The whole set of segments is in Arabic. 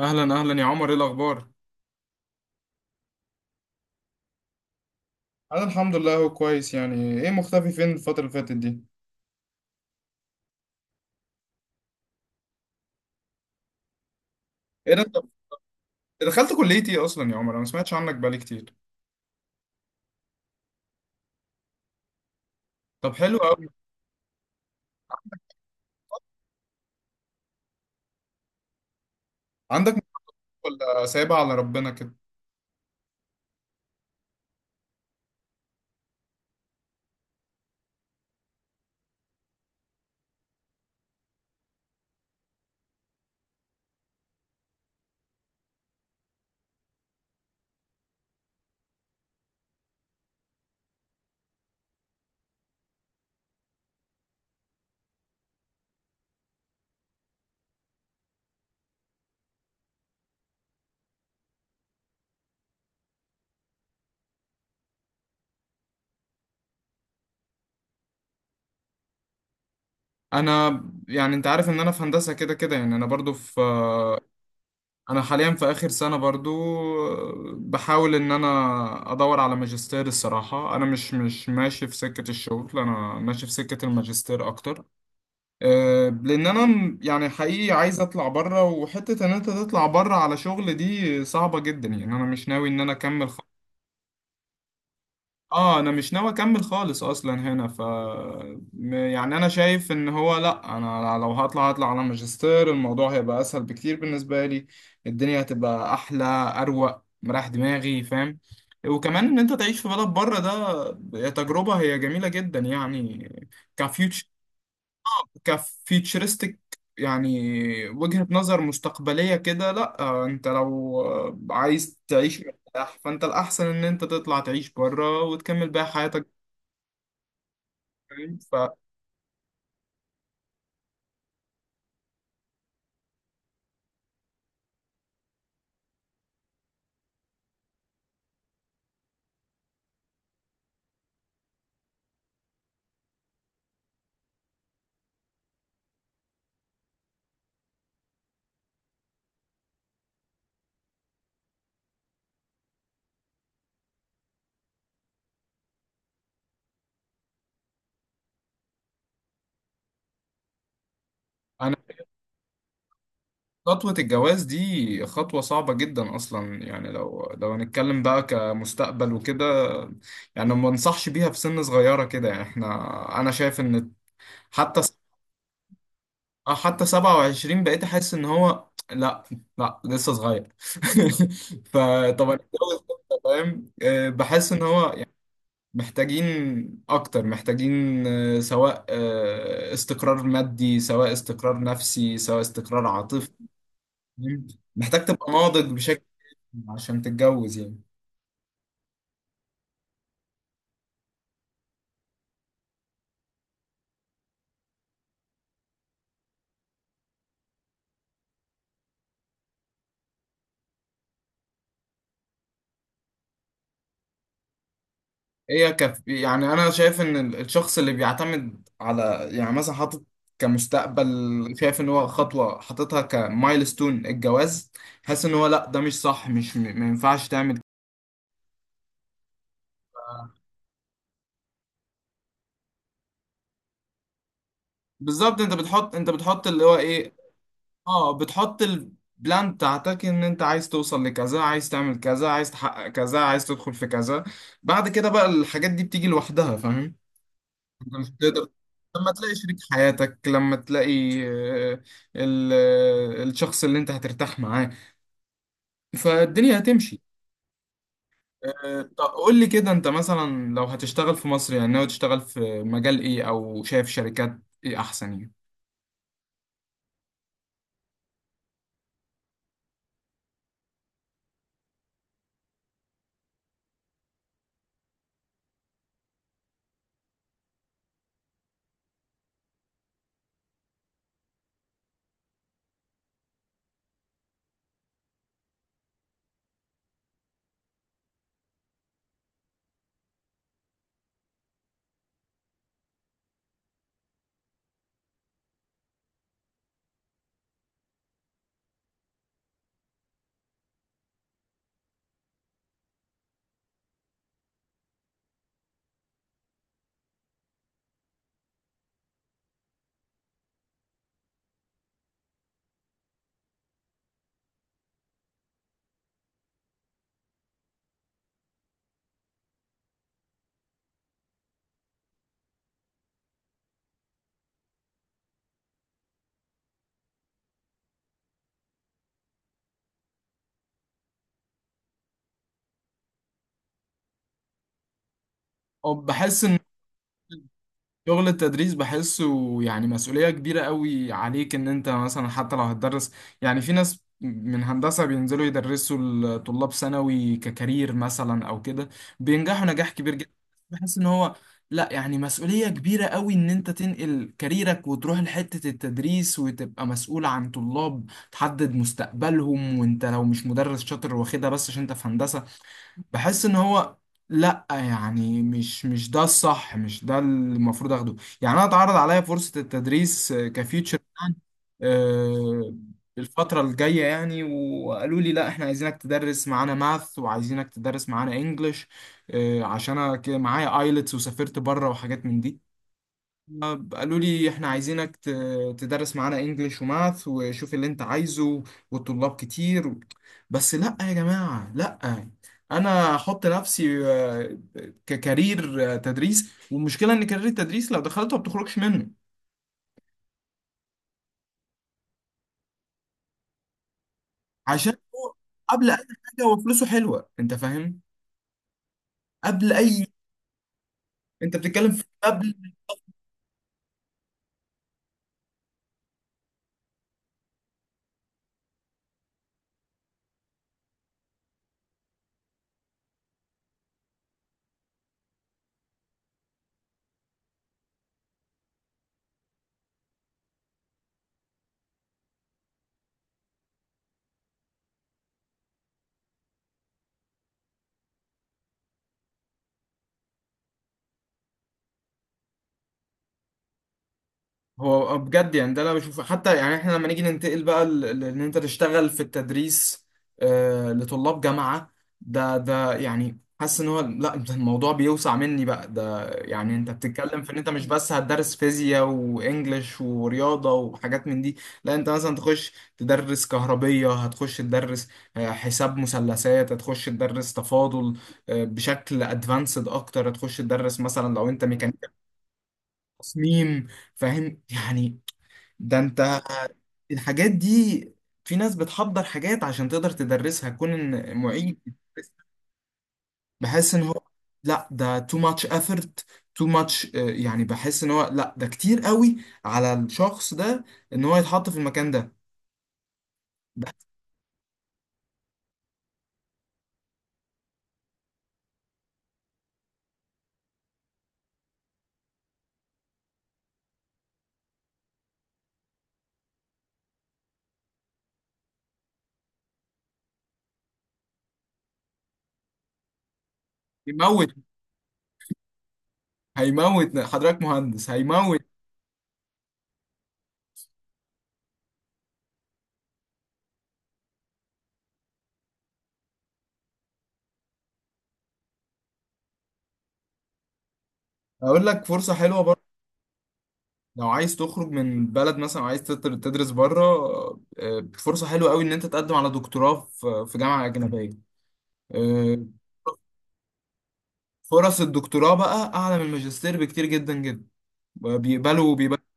اهلا اهلا يا عمر، ايه الاخبار؟ انا الحمد لله. هو كويس، يعني ايه مختفي فين الفترة اللي فاتت دي؟ ايه ده، انت دخلت كليه ايه اصلا يا عمر؟ انا ما سمعتش عنك بقالي كتير. طب حلو قوي. عندك مشروع ولا سايبها على ربنا كده؟ انا يعني انت عارف ان انا في هندسه كده كده، يعني انا برضو في، انا حاليا في اخر سنه برضو. بحاول ان انا ادور على ماجستير الصراحه. انا مش ماشي في سكه الشغل، انا ماشي في سكه الماجستير اكتر. لان انا يعني حقيقي عايز اطلع بره، وحته ان انت تطلع بره على شغل دي صعبه جدا يعني. انا مش ناوي ان انا اكمل اه انا مش ناوي اكمل خالص اصلا هنا. ف يعني انا شايف ان هو لا، انا لو هطلع هطلع على ماجستير، الموضوع هيبقى اسهل بكتير بالنسبه لي. الدنيا هتبقى احلى، اروق، مريح دماغي، فاهم؟ وكمان ان انت تعيش في بلد بره ده تجربه هي جميله جدا يعني. كفيوتشر، كفيتشرستك يعني، وجهة نظر مستقبلية كده. لا انت لو عايز تعيش مرتاح، فانت الأحسن ان انت تطلع تعيش بره وتكمل بقى حياتك. فاهم؟ فأنا، خطوة الجواز دي خطوة صعبة جدا أصلا. يعني لو هنتكلم بقى كمستقبل وكده، يعني ما انصحش بيها في سن صغيرة كده. يعني احنا، أنا شايف إن، حتى، اه حتى 27 بقيت احس ان هو لا، لسه صغير. فطب انا اتجوز امتى، فاهم؟ بحس ان هو يعني محتاجين، اكتر محتاجين سواء استقرار مادي، سواء استقرار نفسي، سواء استقرار عاطفي. فاهم؟ محتاج تبقى ناضج بشكل عشان تتجوز يعني. هي يعني انا شايف ان الشخص اللي بيعتمد على، يعني مثلا حاطط كمستقبل، شايف ان هو خطوه حاططها كمايلستون، الجواز. حاسس ان هو لا، ده مش صح، مش م... ما ينفعش تعمل. بالظبط، انت بتحط، انت بتحط اللي هو ايه، اه بتحط البلان بتاعتك، ان انت عايز توصل لكذا، عايز تعمل كذا، عايز تحقق كذا، عايز تدخل في كذا. بعد كده بقى الحاجات دي بتيجي لوحدها، فاهم؟ انت مش بتقدر. لما تلاقي شريك حياتك، لما تلاقي ال- الشخص اللي انت هترتاح معاه، فالدنيا هتمشي. طب قول لي كده، انت مثلا لو هتشتغل في مصر، يعني ناوي تشتغل في مجال ايه؟ او شايف شركات ايه احسن يعني؟ أو بحس ان شغل التدريس بحسه يعني مسؤولية كبيرة قوي عليك. ان انت مثلا حتى لو هتدرس، يعني في ناس من هندسة بينزلوا يدرسوا الطلاب ثانوي ككارير مثلا او كده، بينجحوا نجاح كبير جدا. بحس ان هو لا، يعني مسؤولية كبيرة قوي ان انت تنقل كاريرك وتروح لحتة التدريس وتبقى مسؤول عن طلاب، تحدد مستقبلهم، وانت لو مش مدرس شاطر واخدها بس عشان انت في هندسة. بحس ان هو لا، يعني مش ده الصح، مش ده اللي المفروض اخده. يعني انا اتعرض عليا فرصة التدريس كفيوتشر بلان آه، الفترة الجاية يعني. وقالوا لي لا، احنا عايزينك تدرس معانا ماث، وعايزينك تدرس معانا انجلش، عشان انا كده معايا ايلتس وسافرت بره وحاجات من دي. قالوا لي احنا عايزينك تدرس معانا انجليش وماث، وشوف اللي انت عايزه، والطلاب كتير بس لا يا جماعة، لا. انا احط نفسي ككارير تدريس؟ والمشكلة ان كارير التدريس لو دخلته ما بتخرجش منه. عشان هو قبل اي حاجة هو فلوسه حلوة، انت فاهم. قبل اي، انت بتتكلم في قبل. هو بجد يعني ده انا بشوفه. حتى يعني احنا لما نيجي ننتقل بقى ان انت تشتغل في التدريس لطلاب جامعة، ده يعني حاسس ان هو لا، ده الموضوع بيوسع مني بقى. ده يعني انت بتتكلم في ان انت مش بس هتدرس فيزياء وانجليش ورياضة وحاجات من دي. لا، انت مثلا تخش تدرس كهربية، هتخش تدرس حساب مثلثات، هتخش تدرس تفاضل بشكل ادفانسد اكتر، هتخش تدرس مثلا لو انت ميكانيكا تصميم. فاهم يعني؟ ده انت، الحاجات دي، في ناس بتحضر حاجات عشان تقدر تدرسها كون ان معيد. بحس ان هو لا، ده too much effort، too much يعني بحس ان هو لا، ده كتير قوي على الشخص ده ان هو يتحط في المكان ده. ده هيموت، هيموت حضرتك مهندس، هيموت. اقول لك فرصة حلوة برضه، لو عايز تخرج من البلد مثلا وعايز تدرس بره، فرصة حلوة قوي ان انت تقدم على دكتوراه في في جامعة أجنبية. آه، فرص الدكتوراه بقى اعلى من الماجستير بكتير جدا جدا. بيقبلوا، بيقبلوا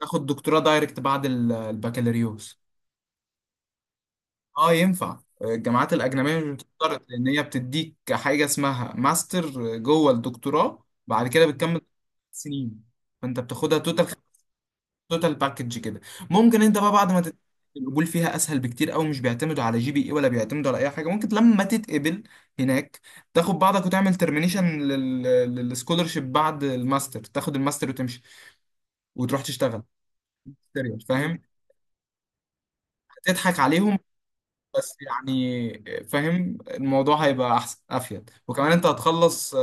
تاخد دكتوراه دايركت بعد البكالوريوس. اه ينفع. الجامعات الاجنبيه مش بتشترط، لان هي بتديك حاجه اسمها ماستر جوه الدكتوراه، بعد كده بتكمل سنين. فانت بتاخدها توتال، توتال باكج كده. ممكن انت بقى بعد ما القبول فيها اسهل بكتير قوي، مش بيعتمدوا على جي بي اي ولا بيعتمدوا على اي حاجه. ممكن لما تتقبل هناك، تاخد بعضك وتعمل ترمينيشن للسكولرشيب بعد الماستر، تاخد الماستر وتمشي وتروح تشتغل. سيريس، فاهم؟ تضحك عليهم. بس يعني فاهم، الموضوع هيبقى احسن، افيد، وكمان انت هتخلص،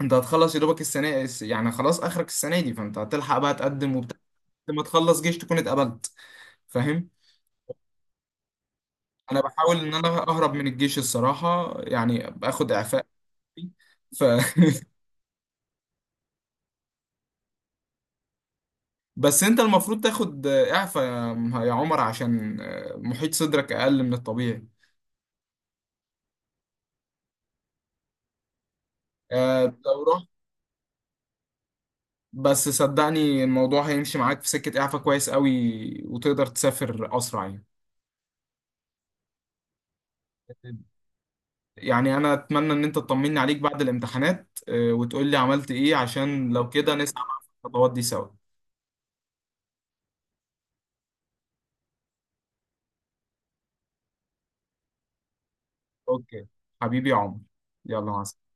انت هتخلص يا دوبك السنه. يعني خلاص اخرك السنه دي، فانت هتلحق بقى تقدم وبتاع. لما تخلص جيش تكون اتقبلت. فاهم؟ انا بحاول ان انا اهرب من الجيش الصراحه، يعني باخد اعفاء ف... بس انت المفروض تاخد اعفاء يا يا عمر، عشان محيط صدرك اقل من الطبيعي. لو رحت، بس صدقني الموضوع هيمشي معاك في سكه اعفاء كويس قوي، وتقدر تسافر اسرع يعني. يعني انا اتمنى ان انت تطمني عليك بعد الامتحانات وتقول لي عملت ايه، عشان لو كده نسعى مع الخطوات دي سوا. اوكي حبيبي يا عمر، يلا مع